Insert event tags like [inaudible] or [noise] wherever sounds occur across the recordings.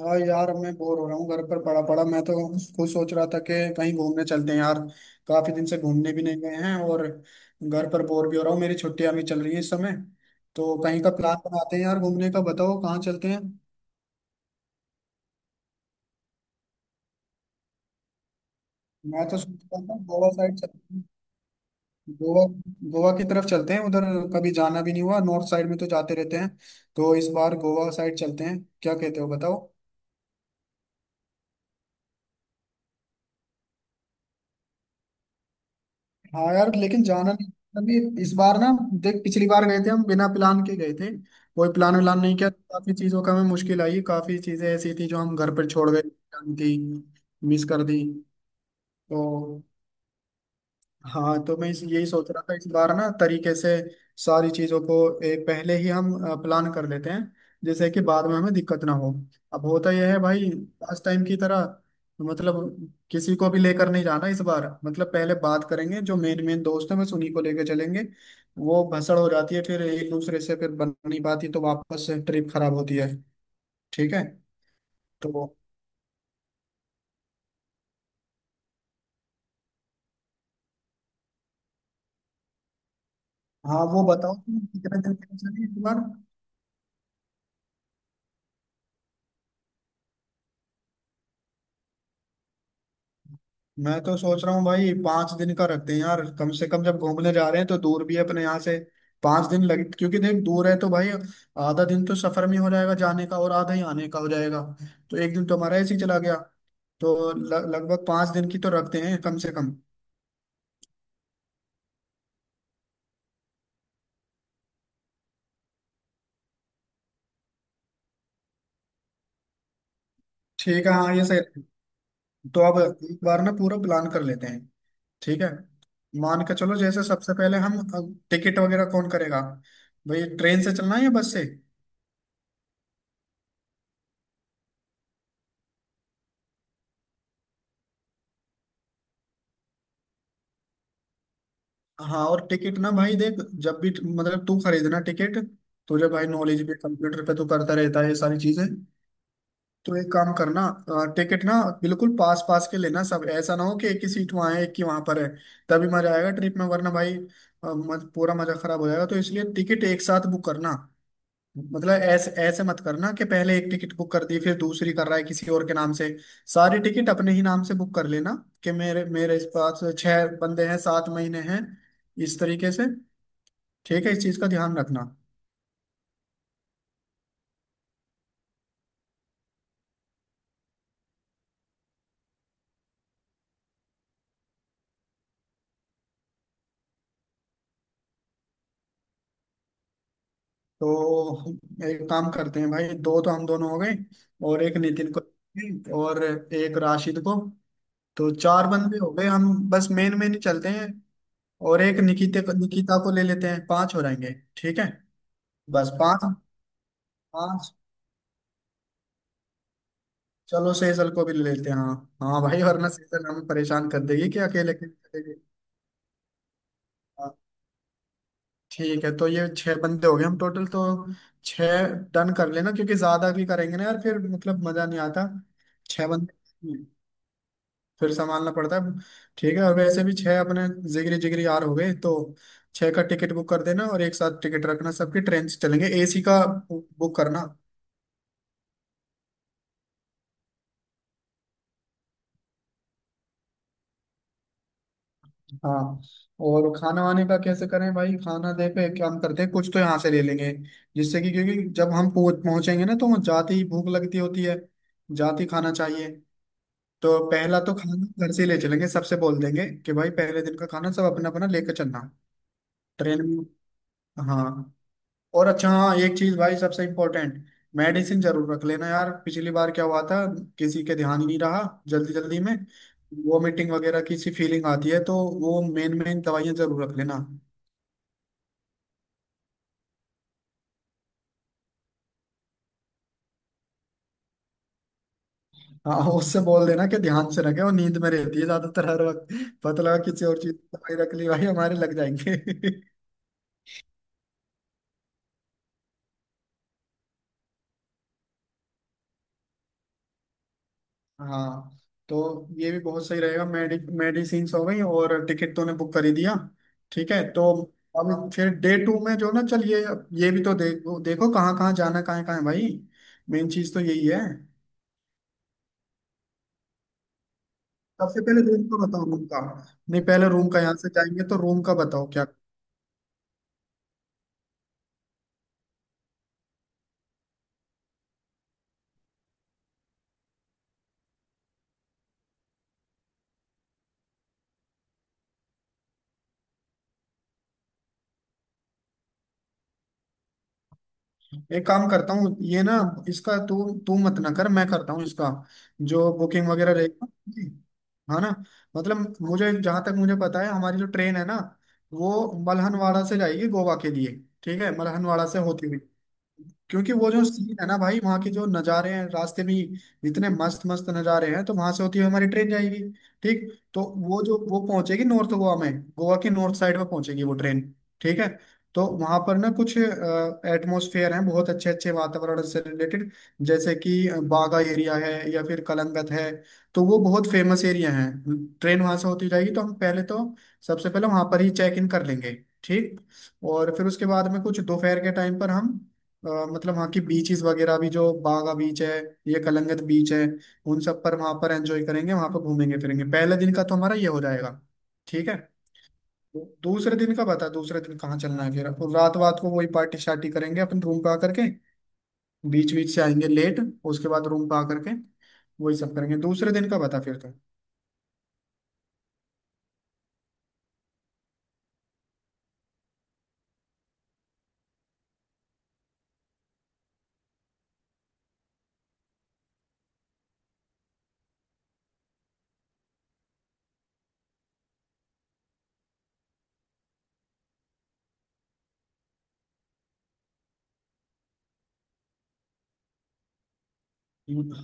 हाँ यार मैं बोर हो रहा हूँ घर पर पड़ा पड़ा, मैं तो खुद सोच रहा था कि कहीं घूमने चलते हैं यार। काफी दिन से घूमने भी नहीं गए हैं और घर पर बोर भी हो रहा हूँ। मेरी छुट्टियां भी चल रही है इस समय, तो कहीं का प्लान बनाते हैं यार घूमने का। बताओ कहाँ चलते हैं। मैं तो सोच रहा था गोवा साइड चलते हैं। गोवा। गोवा की तरफ चलते हैं उधर, कभी जाना भी नहीं हुआ। नॉर्थ साइड में तो जाते रहते हैं, तो इस बार गोवा साइड चलते हैं, क्या कहते हो बताओ। हाँ यार, लेकिन जाना नहीं अभी इस बार ना। देख, पिछली बार गए थे, हम बिना प्लान के गए थे। कोई प्लान व्लान नहीं किया, काफी चीजों का हमें मुश्किल आई। काफी चीजें ऐसी थी जो हम घर पर छोड़ गए थी, मिस कर दी। तो हाँ, तो मैं इस यही सोच रहा था, इस बार ना तरीके से सारी चीजों को एक पहले ही हम प्लान कर लेते हैं, जैसे कि बाद में हमें दिक्कत ना हो। अब होता यह है भाई, लास्ट टाइम की तरह मतलब किसी को भी लेकर नहीं जाना इस बार। मतलब पहले बात करेंगे, जो मेन मेन दोस्त हैं बस उन्हीं को लेकर चलेंगे। वो भसड़ हो जाती है, फिर एक दूसरे से फिर बन नहीं पाती तो वापस ट्रिप खराब होती है। ठीक है। तो हाँ, वो बताओ कि कितने दिन के लिए चलें इस बार। मैं तो सोच रहा हूँ भाई, 5 दिन का रखते हैं यार कम से कम। जब घूमने जा रहे हैं तो दूर भी है अपने यहाँ से, 5 दिन लगे क्योंकि देख दूर है तो भाई। आधा दिन तो सफर में हो जाएगा जाने का, और आधा ही आने का हो जाएगा, तो एक दिन तो हमारा ऐसे ही चला गया। तो लगभग 5 दिन की तो रखते हैं कम से कम। ठीक है, हाँ ये सही रहेगा। तो अब एक बार ना पूरा प्लान कर लेते हैं। ठीक है। मान के चलो जैसे सबसे पहले हम, टिकट वगैरह कौन करेगा, भाई ट्रेन से चलना है या बस से। हाँ, और टिकट ना भाई, देख जब भी मतलब तू खरीदना टिकट, तुझे भाई नॉलेज भी, कंप्यूटर पे तू करता रहता है ये सारी चीजें। तो एक काम करना, टिकट ना बिल्कुल पास पास के लेना सब। ऐसा ना हो कि एक ही सीट वहाँ है, एक ही वहाँ पर है। तभी मजा आएगा ट्रिप में, वरना भाई पूरा मजा खराब हो जाएगा, तो इसलिए टिकट एक साथ बुक करना। मतलब ऐसे ऐसे मत करना कि पहले एक टिकट बुक कर दी, फिर दूसरी कर रहा है किसी और के नाम से। सारी टिकट अपने ही नाम से बुक कर लेना, कि मेरे मेरे इस पास 6 बंदे हैं, 7 महीने हैं, इस तरीके से। ठीक है, इस चीज का ध्यान रखना। तो हम एक काम करते हैं भाई, दो तो हम दोनों हो गए, और एक नितिन को और एक राशिद को। तो 4 बंदे हो गए हम, बस मेन मेन ही चलते हैं। और एक निकिता को, निकिता को ले लेते हैं, पांच हो जाएंगे। ठीक है। बस पांच। पांच। चलो सेजल को भी ले लेते हैं, हाँ। हाँ भाई वरना सेजल हमें परेशान कर देगी कि अकेले अकेले चलेगी। ठीक है, तो ये 6 बंदे हो गए हम टोटल तो। छह। डन कर लेना, क्योंकि ज्यादा भी करेंगे ना यार फिर मतलब मजा नहीं आता। 6 बंदे, फिर संभालना पड़ता है। ठीक है, और वैसे भी छह अपने जिगरी जिगरी यार हो गए, तो छह का टिकट बुक कर देना और एक साथ टिकट रखना सबकी, ट्रेन से चलेंगे, एसी का बुक करना। हाँ, और खाना वाने का कैसे करें भाई। खाना देखे हम करते हैं, कुछ तो यहाँ से ले लेंगे, जिससे कि क्योंकि जब हम पहुंचेंगे ना तो वहाँ जाते ही भूख लगती होती है, जाते ही खाना चाहिए। तो पहला तो खाना घर से ही ले चलेंगे, सबसे बोल देंगे कि भाई पहले दिन का खाना सब अपना अपना लेकर चलना, ट्रेन में। हाँ, और अच्छा हाँ, एक चीज भाई सबसे इम्पोर्टेंट, मेडिसिन जरूर रख लेना यार। पिछली बार क्या हुआ था, किसी के ध्यान ही नहीं रहा जल्दी जल्दी में। वोमिटिंग वगैरह की सी फीलिंग आती है, तो वो मेन मेन दवाइयां जरूर रख लेना। हाँ, उससे बोल देना कि ध्यान से रखे, वो नींद में रहती है ज्यादातर हर वक्त। पता लगा किसी और चीज की दवाई रख ली, भाई हमारे लग जाएंगे। हाँ, तो ये भी बहुत सही रहेगा, मेडिसिन हो गई और टिकट तूने बुक कर ही दिया। ठीक है। तो अब फिर डे टू में जो ना चल, ये भी तो देखो देखो कहाँ कहाँ जाना, कहाँ कहाँ है भाई। मेन चीज तो यही है, सबसे पहले रूम का बताओ, रूम का। नहीं, पहले रूम का, यहाँ से जाएंगे तो रूम का बताओ क्या। एक काम करता हूँ ये ना, इसका तू तू मत ना कर, मैं करता हूँ इसका, जो बुकिंग वगैरह रहेगी। हाँ ना। मतलब मुझे जहां तक मुझे पता है, हमारी जो ट्रेन है ना, वो मलहनवाड़ा से जाएगी गोवा के लिए। ठीक है, मलहनवाड़ा से होती हुई, क्योंकि वो जो सीन है ना भाई, वहाँ के जो नज़ारे हैं रास्ते में ही, इतने मस्त मस्त नज़ारे हैं, तो वहां से होती हुई हमारी ट्रेन जाएगी। ठीक। तो वो पहुंचेगी नॉर्थ गोवा में, गोवा की नॉर्थ साइड में पहुंचेगी वो ट्रेन। ठीक है। तो वहां पर ना कुछ एटमॉस्फेयर हैं, बहुत अच्छे अच्छे वातावरण से रिलेटेड। जैसे कि बागा एरिया है या फिर कलंगत है, तो वो बहुत फेमस एरिया है। ट्रेन वहां से होती जाएगी तो हम पहले तो, सबसे पहले वहां पर ही चेक इन कर लेंगे। ठीक। और फिर उसके बाद में कुछ दोपहर के टाइम पर हम मतलब वहाँ की बीचेस वगैरह भी, जो बागा बीच है, ये कलंगत बीच है, उन सब पर वहाँ पर एंजॉय करेंगे, वहाँ पर घूमेंगे फिरेंगे। पहले दिन का तो हमारा ये हो जाएगा। ठीक है। दूसरे दिन का बता, दूसरे दिन कहाँ चलना है फिर, और रात वात को वही पार्टी शार्टी करेंगे अपन रूम पे आकर के। बीच बीच से आएंगे लेट, उसके बाद रूम पे आकर के वही सब करेंगे। दूसरे दिन का बता फिर।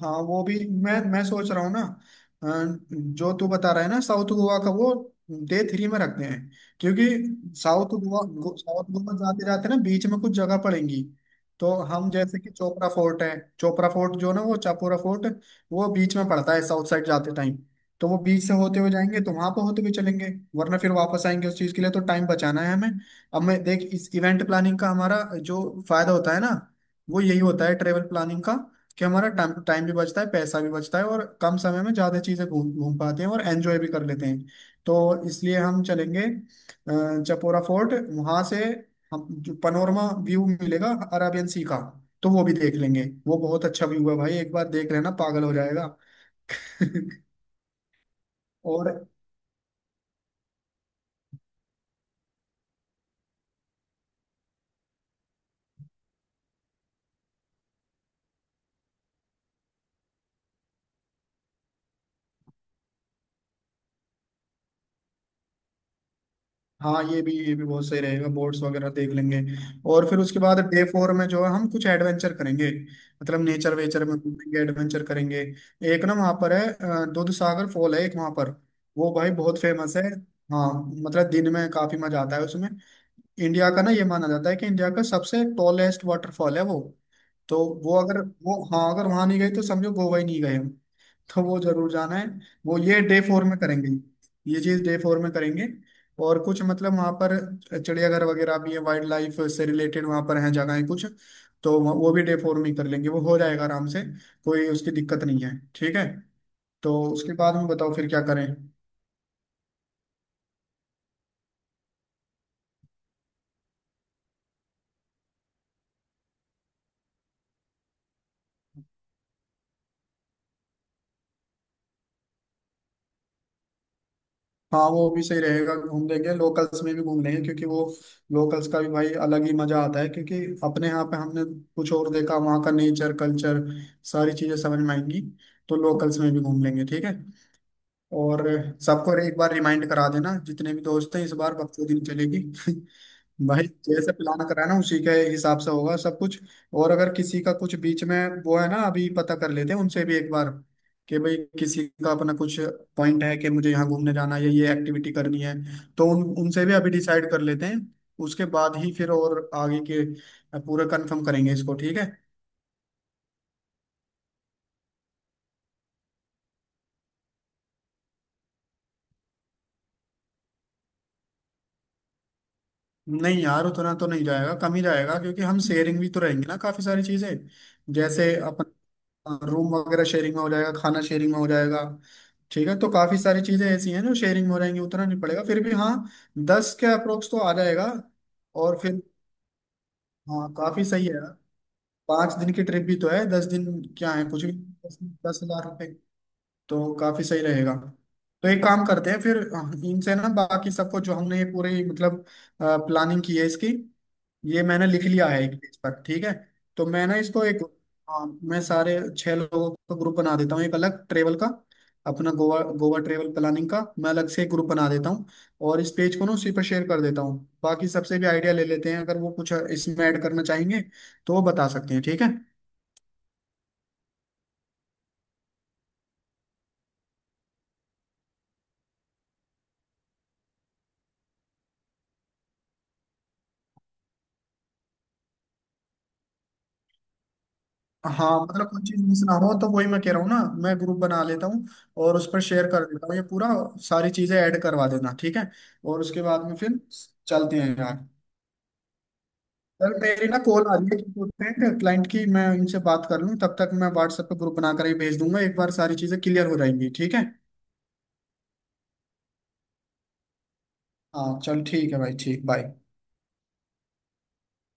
हाँ वो भी, मैं सोच रहा हूँ ना अ, जो तू बता रहा है ना साउथ गोवा का, वो डे थ्री में रखते हैं। क्योंकि साउथ गोवा जाते जाते ना बीच में कुछ जगह पड़ेंगी। तो हम जैसे कि चोपरा फोर्ट है, चोपरा फोर्ट जो ना वो चापोरा फोर्ट, वो बीच में पड़ता है साउथ साइड जाते टाइम। तो वो बीच से होते हुए जाएंगे, तो वहां पर होते हुए चलेंगे। वरना फिर वापस आएंगे उस चीज के लिए, तो टाइम बचाना है हमें। अब मैं देख, इस इवेंट प्लानिंग का हमारा जो फायदा होता है ना, वो यही होता है ट्रेवल प्लानिंग का, कि हमारा टाइम टाइम भी बचता है, पैसा भी बचता है, और कम समय में ज्यादा चीजें घूम घूम पाते हैं और एंजॉय भी कर लेते हैं। तो इसलिए हम चलेंगे चपोरा फोर्ट। वहां से हम जो पनोरमा व्यू मिलेगा अराबियन सी का, तो वो भी देख लेंगे। वो बहुत अच्छा व्यू है भाई, एक बार देख लेना पागल हो जाएगा। [laughs] और हाँ, ये भी बहुत सही रहेगा, बोट्स वगैरह देख लेंगे। और फिर उसके बाद डे फोर में जो है हम कुछ एडवेंचर करेंगे। मतलब नेचर वेचर में घूमेंगे, एडवेंचर करेंगे। एक ना वहाँ पर है दूध सागर फॉल है एक वहाँ पर, वो भाई बहुत फेमस है। हाँ, मतलब दिन में काफी मजा आता है उसमें। इंडिया का ना, ये माना जाता है कि इंडिया का सबसे टॉलेस्ट वाटरफॉल है वो। तो वो अगर वो हाँ, अगर वहाँ नहीं गए तो समझो गोवा ही नहीं गए हम, तो वो जरूर जाना है। वो ये डे फोर में करेंगे, ये चीज डे फोर में करेंगे। और कुछ मतलब वहाँ पर चिड़ियाघर वगैरह भी है, वाइल्ड लाइफ से रिलेटेड वहाँ पर हैं जगहें कुछ। तो वो भी डे फोर में ही कर लेंगे, वो हो जाएगा आराम से, कोई उसकी दिक्कत नहीं है। ठीक है। तो उसके बाद में बताओ फिर क्या करें। हाँ वो भी सही रहेगा, घूम लेंगे लोकल्स में भी घूम लेंगे, क्योंकि वो लोकल्स का भी भाई अलग ही मजा आता है, क्योंकि अपने यहाँ पे हमने कुछ और देखा, वहाँ का नेचर कल्चर सारी चीजें समझ में आएंगी। तो लोकल्स में भी घूम लेंगे। ठीक है। और सबको एक बार रिमाइंड करा देना, जितने भी दोस्त हैं, इस बार बखूबी चलेगी। [laughs] भाई जैसे प्लान करा ना, उसी के हिसाब से होगा सब कुछ। और अगर किसी का कुछ बीच में वो है ना, अभी पता कर लेते हैं उनसे भी एक बार, कि भाई किसी का अपना कुछ पॉइंट है कि मुझे यहाँ घूमने जाना है या ये एक्टिविटी करनी है, तो उन उनसे भी अभी डिसाइड कर लेते हैं। उसके बाद ही फिर और आगे के पूरा कंफर्म करेंगे इसको। ठीक है। नहीं यार, उतना तो नहीं जाएगा, कम ही जाएगा क्योंकि हम शेयरिंग भी तो रहेंगे ना काफी सारी चीजें। जैसे अपन रूम वगैरह शेयरिंग में हो जाएगा, खाना शेयरिंग में हो जाएगा। ठीक है, तो काफी सारी चीजें ऐसी हैं जो शेयरिंग में हो जाएंगी, उतना नहीं पड़ेगा, फिर भी हाँ दस के अप्रोक्स तो आ जाएगा। और फिर हाँ, काफी सही है यार। 5 दिन की ट्रिप भी तो है, 10 दिन क्या है, कुछ भी। दस। 10,000 रुपये, तो काफी सही रहेगा। तो एक काम करते हैं फिर, इनसे ना बाकी सबको जो हमने ये पूरी मतलब प्लानिंग की है इसकी, ये मैंने लिख लिया है एक पेज पर। ठीक है। तो मैं ना इसको एक, हाँ, मैं सारे 6 लोगों का ग्रुप बना देता हूँ एक अलग ट्रेवल का। अपना गोवा गोवा ट्रेवल प्लानिंग का मैं अलग से एक ग्रुप बना देता हूँ, और इस पेज को ना उसी पर शेयर कर देता हूँ। बाकी सबसे भी आइडिया ले लेते हैं, अगर वो कुछ इसमें ऐड करना चाहेंगे तो वो बता सकते हैं। ठीक है। हाँ, मतलब कोई चीज मिस ना हो तो वही मैं कह रहा हूँ ना, मैं ग्रुप बना लेता हूँ और उस पर शेयर कर देता हूँ ये पूरा। सारी चीजें ऐड करवा देना। ठीक है, और उसके बाद में फिर चलते हैं यार। सर, मेरी ना कॉल आ रही है इंपॉर्टेंट क्लाइंट की, मैं इनसे बात कर लूँ, तब तक मैं व्हाट्सएप पे ग्रुप बनाकर ही भेज दूंगा, एक बार सारी चीज़ें क्लियर हो जाएंगी। ठीक है। हाँ चल, ठीक है भाई, ठीक, बाय।